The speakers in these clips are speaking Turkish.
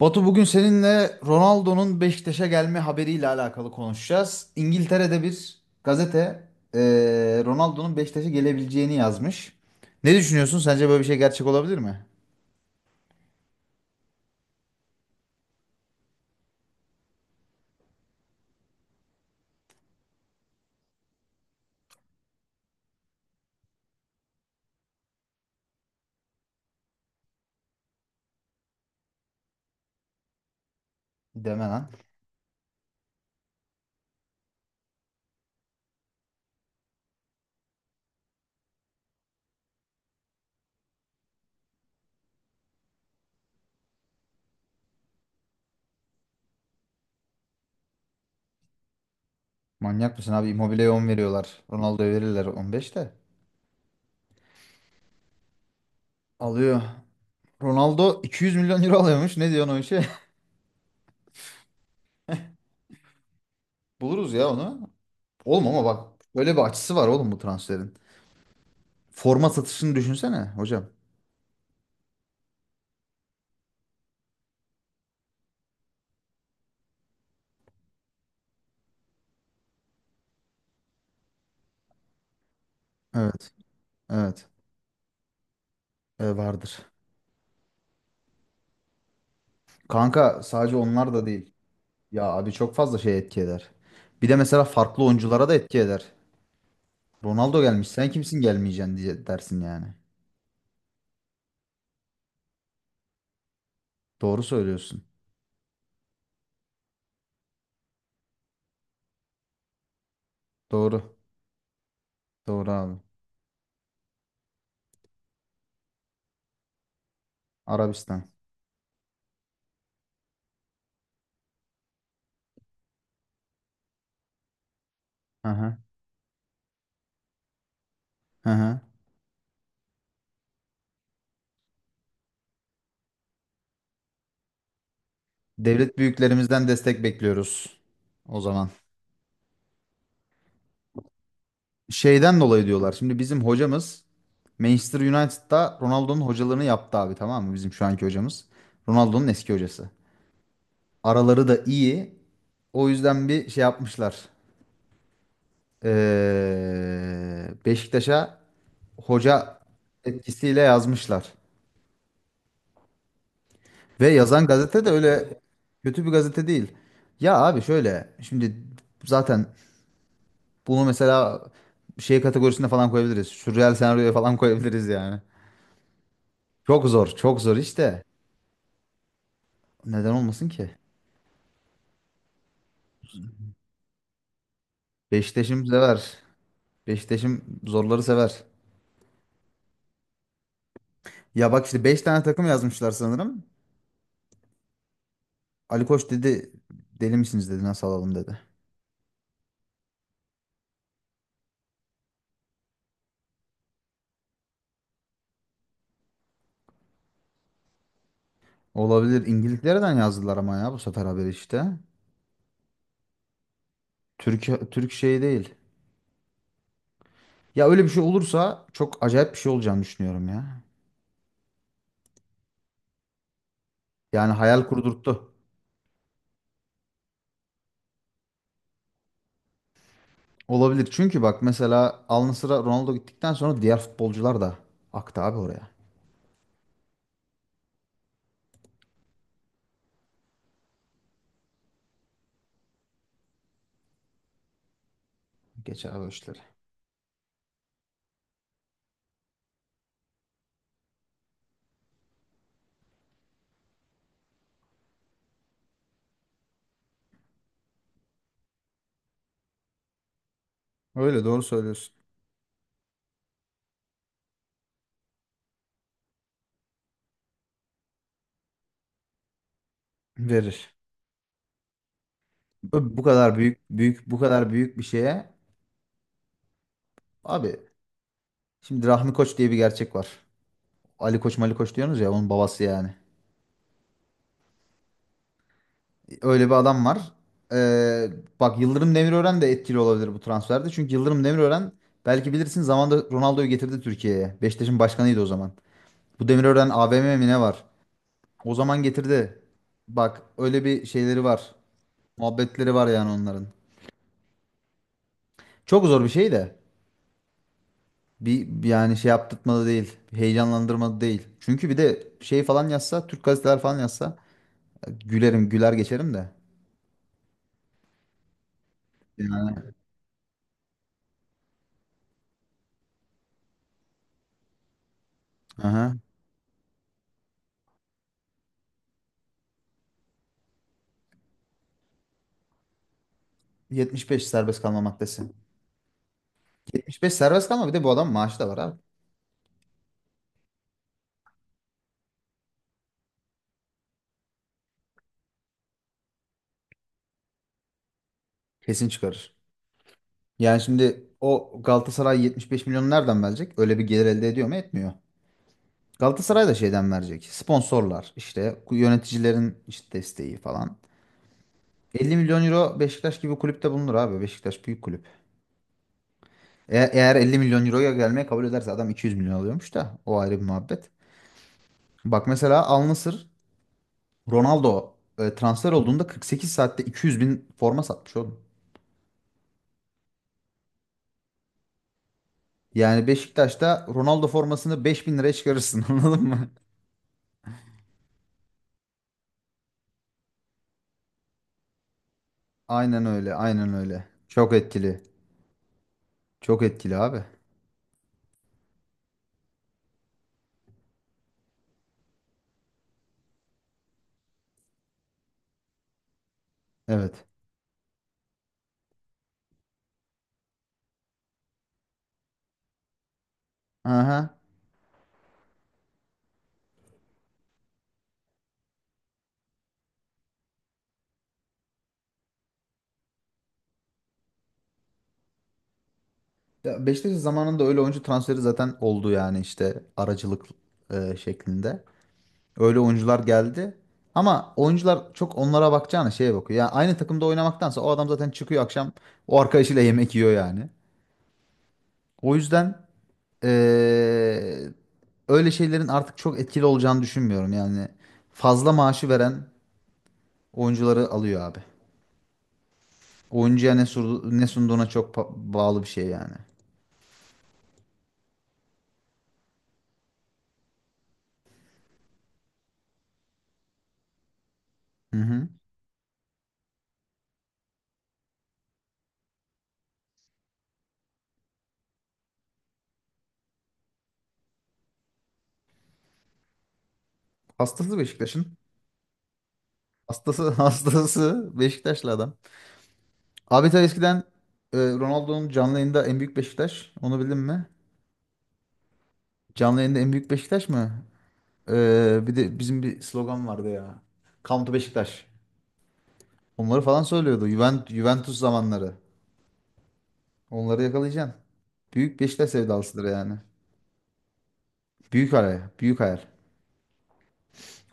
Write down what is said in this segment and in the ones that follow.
Batu bugün seninle Ronaldo'nun Beşiktaş'a gelme haberiyle alakalı konuşacağız. İngiltere'de bir gazete Ronaldo'nun Beşiktaş'a gelebileceğini yazmış. Ne düşünüyorsun? Sence böyle bir şey gerçek olabilir mi? Deme lan. Manyak mısın abi? Immobile'ye 10 veriyorlar. Ronaldo'ya verirler 15 de. Alıyor. Ronaldo 200 milyon euro alıyormuş. Ne diyorsun o işe? Buluruz ya onu. Oğlum ama bak, böyle bir açısı var oğlum bu transferin. Forma satışını düşünsene hocam. Evet. Evet. E, vardır. Kanka sadece onlar da değil. Ya abi çok fazla şey etki eder. Bir de mesela farklı oyunculara da etki eder. Ronaldo gelmiş, sen kimsin gelmeyeceksin diye dersin yani. Doğru söylüyorsun. Doğru. Doğru abi. Arabistan. Hı hı. Hı hı. Devlet büyüklerimizden destek bekliyoruz. O zaman. Şeyden dolayı diyorlar. Şimdi bizim hocamız Manchester United'da Ronaldo'nun hocalığını yaptı abi, tamam mı? Bizim şu anki hocamız. Ronaldo'nun eski hocası. Araları da iyi. O yüzden bir şey yapmışlar. Beşiktaş'a hoca etkisiyle yazmışlar. Ve yazan gazete de öyle kötü bir gazete değil. Ya abi şöyle şimdi, zaten bunu mesela şey kategorisine falan koyabiliriz. Sürreal senaryoya falan koyabiliriz yani. Çok zor, çok zor işte. Neden olmasın ki? Beşiktaş'ım sever. Beşiktaş'ım zorları sever. Ya bak işte 5 tane takım yazmışlar sanırım. Ali Koç dedi, deli misiniz dedi, nasıl alalım dedi. Olabilir. İngiltere'den yazdılar ama ya bu sefer haberi işte. Türk şey değil. Ya öyle bir şey olursa çok acayip bir şey olacağını düşünüyorum ya. Yani hayal kurdurttu. Olabilir. Çünkü bak mesela Al Nassr'a Ronaldo gittikten sonra diğer futbolcular da aktı abi oraya. Geçer abi o işleri. Öyle, doğru söylüyorsun. Verir. Bu kadar büyük bir şeye. Abi şimdi Rahmi Koç diye bir gerçek var. Ali Koç, Mali Koç diyorsunuz ya, onun babası yani. Öyle bir adam var. Ee, bak, Yıldırım Demirören de etkili olabilir bu transferde. Çünkü Yıldırım Demirören, belki bilirsin, zamanında Ronaldo'yu getirdi Türkiye'ye. Beşiktaş'ın başkanıydı o zaman. Bu Demirören AVM mi ne var? O zaman getirdi. Bak, öyle bir şeyleri var. Muhabbetleri var yani onların. Çok zor bir şey de. Bir yani şey yaptırtmadı değil. Heyecanlandırmadı değil. Çünkü bir de şey falan yazsa, Türk gazeteler falan yazsa gülerim, güler geçerim de. Yani. Aha. 75 serbest kalma maddesi. 75 serbest kalma, bir de bu adam maaşı da var abi. Kesin çıkarır. Yani şimdi o Galatasaray 75 milyon nereden verecek? Öyle bir gelir elde ediyor mu? Etmiyor. Galatasaray da şeyden verecek. Sponsorlar işte, yöneticilerin işte desteği falan. 50 milyon euro Beşiktaş gibi kulüpte bulunur abi. Beşiktaş büyük kulüp. Eğer 50 milyon euroya gelmeye kabul ederse adam, 200 milyon alıyormuş da o ayrı bir muhabbet. Bak mesela Al Nassr Ronaldo transfer olduğunda 48 saatte 200 bin forma satmış oğlum. Yani Beşiktaş'ta Ronaldo formasını 5000 liraya çıkarırsın anladın mı? Aynen öyle, aynen öyle. Çok etkili. Çok etkili abi. Evet. Aha. Ya Beşiktaş'ın zamanında öyle oyuncu transferi zaten oldu yani, işte aracılık şeklinde. Öyle oyuncular geldi. Ama oyuncular çok onlara bakacağına şeye bakıyor. Yani aynı takımda oynamaktansa o adam zaten çıkıyor akşam, o arkadaşıyla yemek yiyor yani. O yüzden eee, öyle şeylerin artık çok etkili olacağını düşünmüyorum. Yani fazla maaşı veren oyuncuları alıyor abi. Oyuncuya ne sunduğuna çok bağlı bir şey yani. Hı hı. Hastası Beşiktaş'ın. Hastası hastası Beşiktaşlı adam. Abi tabii eskiden Ronaldo'nun canlı yayında en büyük Beşiktaş. Onu bildin mi? Canlı yayında en büyük Beşiktaş mı? Bir de bizim bir slogan vardı ya. Come to Beşiktaş. Onları falan söylüyordu. Juventus, Juventus zamanları. Onları yakalayacaksın. Büyük Beşiktaş sevdalısıdır yani. Büyük araya. Büyük hayal.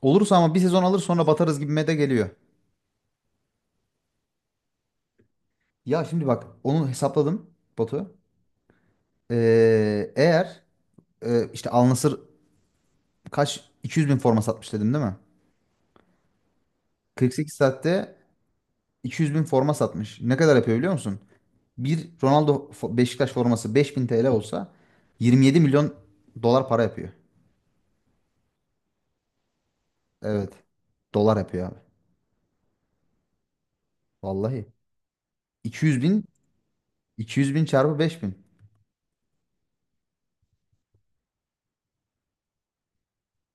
Olursa ama bir sezon alır, sonra batarız gibime de geliyor. Ya şimdi bak, onu hesapladım Batu. Eğer işte Al Nassr kaç, 200 bin forma satmış dedim değil mi? 48 saatte 200 bin forma satmış. Ne kadar yapıyor biliyor musun? Bir Ronaldo Beşiktaş forması 5000 TL olsa 27 milyon dolar para yapıyor. Evet. Dolar yapıyor abi. Vallahi. 200 bin 200 bin çarpı 5000.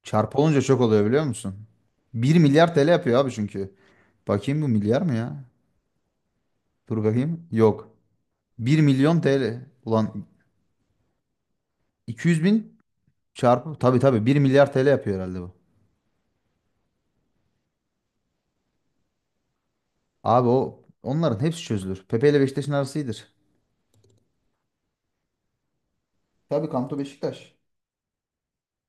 Çarpı olunca çok oluyor biliyor musun? Bir milyar TL yapıyor abi çünkü. Bakayım bu milyar mı ya? Dur bakayım. Yok. Bir milyon TL. Ulan, 200 bin çarpı. Tabii tabii bir milyar TL yapıyor herhalde bu. Abi o onların hepsi çözülür. Pepe ile Beşiktaş'ın arası iyidir. Tabii Kanto Beşiktaş.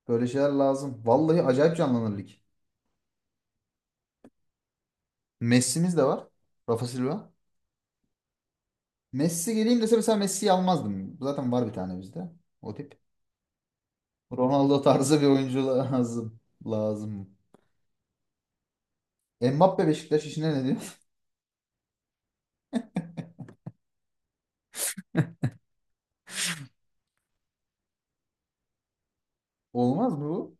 Böyle şeyler lazım. Vallahi acayip canlanır lig. Messi'miz de var. Rafa Silva. Messi geleyim dese mesela, Messi'yi almazdım. Zaten var bir tane bizde. O tip. Ronaldo tarzı bir oyuncu lazım. Lazım. Mbappe Beşiktaş işine ne diyorsun? Olmaz mı bu?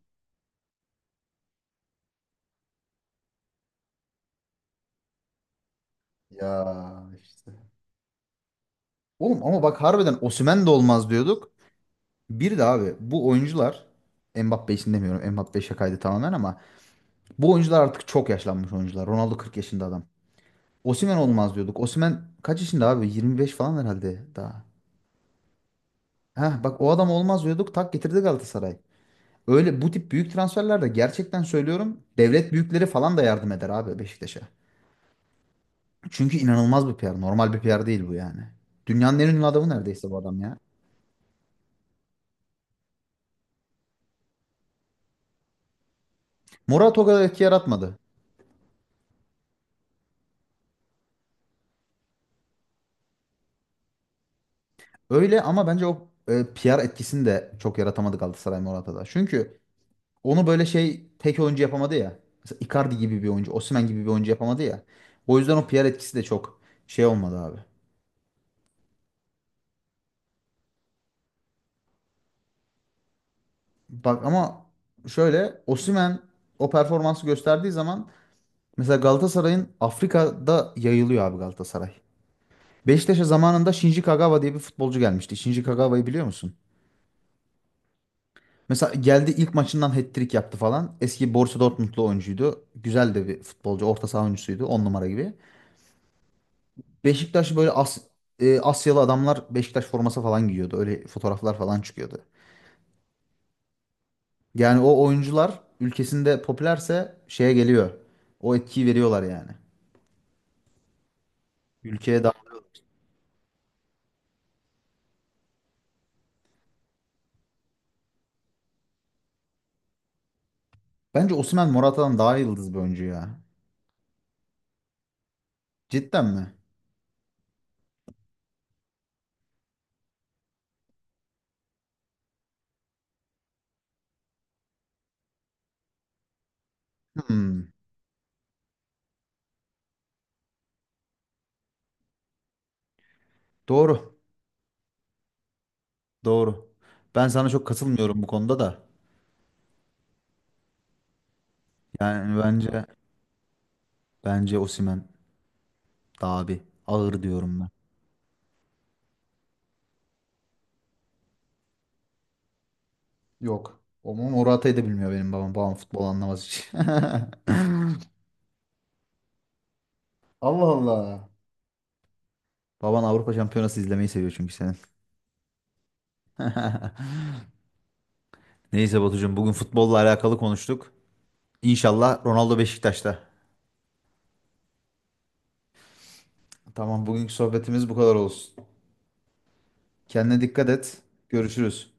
Ya işte. Oğlum ama bak, harbiden Osimhen de olmaz diyorduk. Bir de abi bu oyuncular, Mbappe için demiyorum, Mbappe şakaydı tamamen, ama bu oyuncular artık çok yaşlanmış oyuncular. Ronaldo 40 yaşında adam. Osimhen olmaz diyorduk. Osimhen kaç yaşında abi? 25 falan herhalde daha. Heh, bak, o adam olmaz diyorduk. Tak getirdi Galatasaray. Öyle bu tip büyük transferlerde gerçekten söylüyorum, devlet büyükleri falan da yardım eder abi Beşiktaş'a. Çünkü inanılmaz bir PR. Normal bir PR değil bu yani. Dünyanın en ünlü adamı neredeyse bu adam ya. Murat o kadar etki yaratmadı. Öyle ama bence o PR etkisini de çok yaratamadı Galatasaray Morata'da. Çünkü onu böyle şey, tek oyuncu yapamadı ya. Mesela Icardi gibi bir oyuncu, Osimhen gibi bir oyuncu yapamadı ya. O yüzden o PR etkisi de çok şey olmadı abi. Bak ama şöyle, Osimhen o performansı gösterdiği zaman mesela Galatasaray'ın, Afrika'da yayılıyor abi Galatasaray. Beşiktaş'a zamanında Shinji Kagawa diye bir futbolcu gelmişti. Shinji Kagawa'yı biliyor musun? Mesela geldi, ilk maçından hat-trick yaptı falan. Eski Borussia Dortmund'lu oyuncuydu. Güzel de bir futbolcu. Orta saha oyuncusuydu. On numara gibi. Beşiktaş böyle Asyalı adamlar Beşiktaş forması falan giyiyordu. Öyle fotoğraflar falan çıkıyordu. Yani o oyuncular ülkesinde popülerse şeye geliyor. O etkiyi veriyorlar yani. Ülkeye daha... Bence Osimhen Morata'dan daha yıldız bir oyuncu ya. Cidden mi? Hmm, doğru. Doğru. Ben sana çok katılmıyorum bu konuda da. Yani bence Osimhen daha bir ağır diyorum ben. Yok. Morata'yı da bilmiyor benim babam. Babam futbol anlamaz hiç. Allah Allah. Baban Avrupa Şampiyonası izlemeyi seviyor çünkü senin. Neyse Batucuğum, bugün futbolla alakalı konuştuk. İnşallah Ronaldo Beşiktaş'ta. Tamam, bugünkü sohbetimiz bu kadar olsun. Kendine dikkat et. Görüşürüz.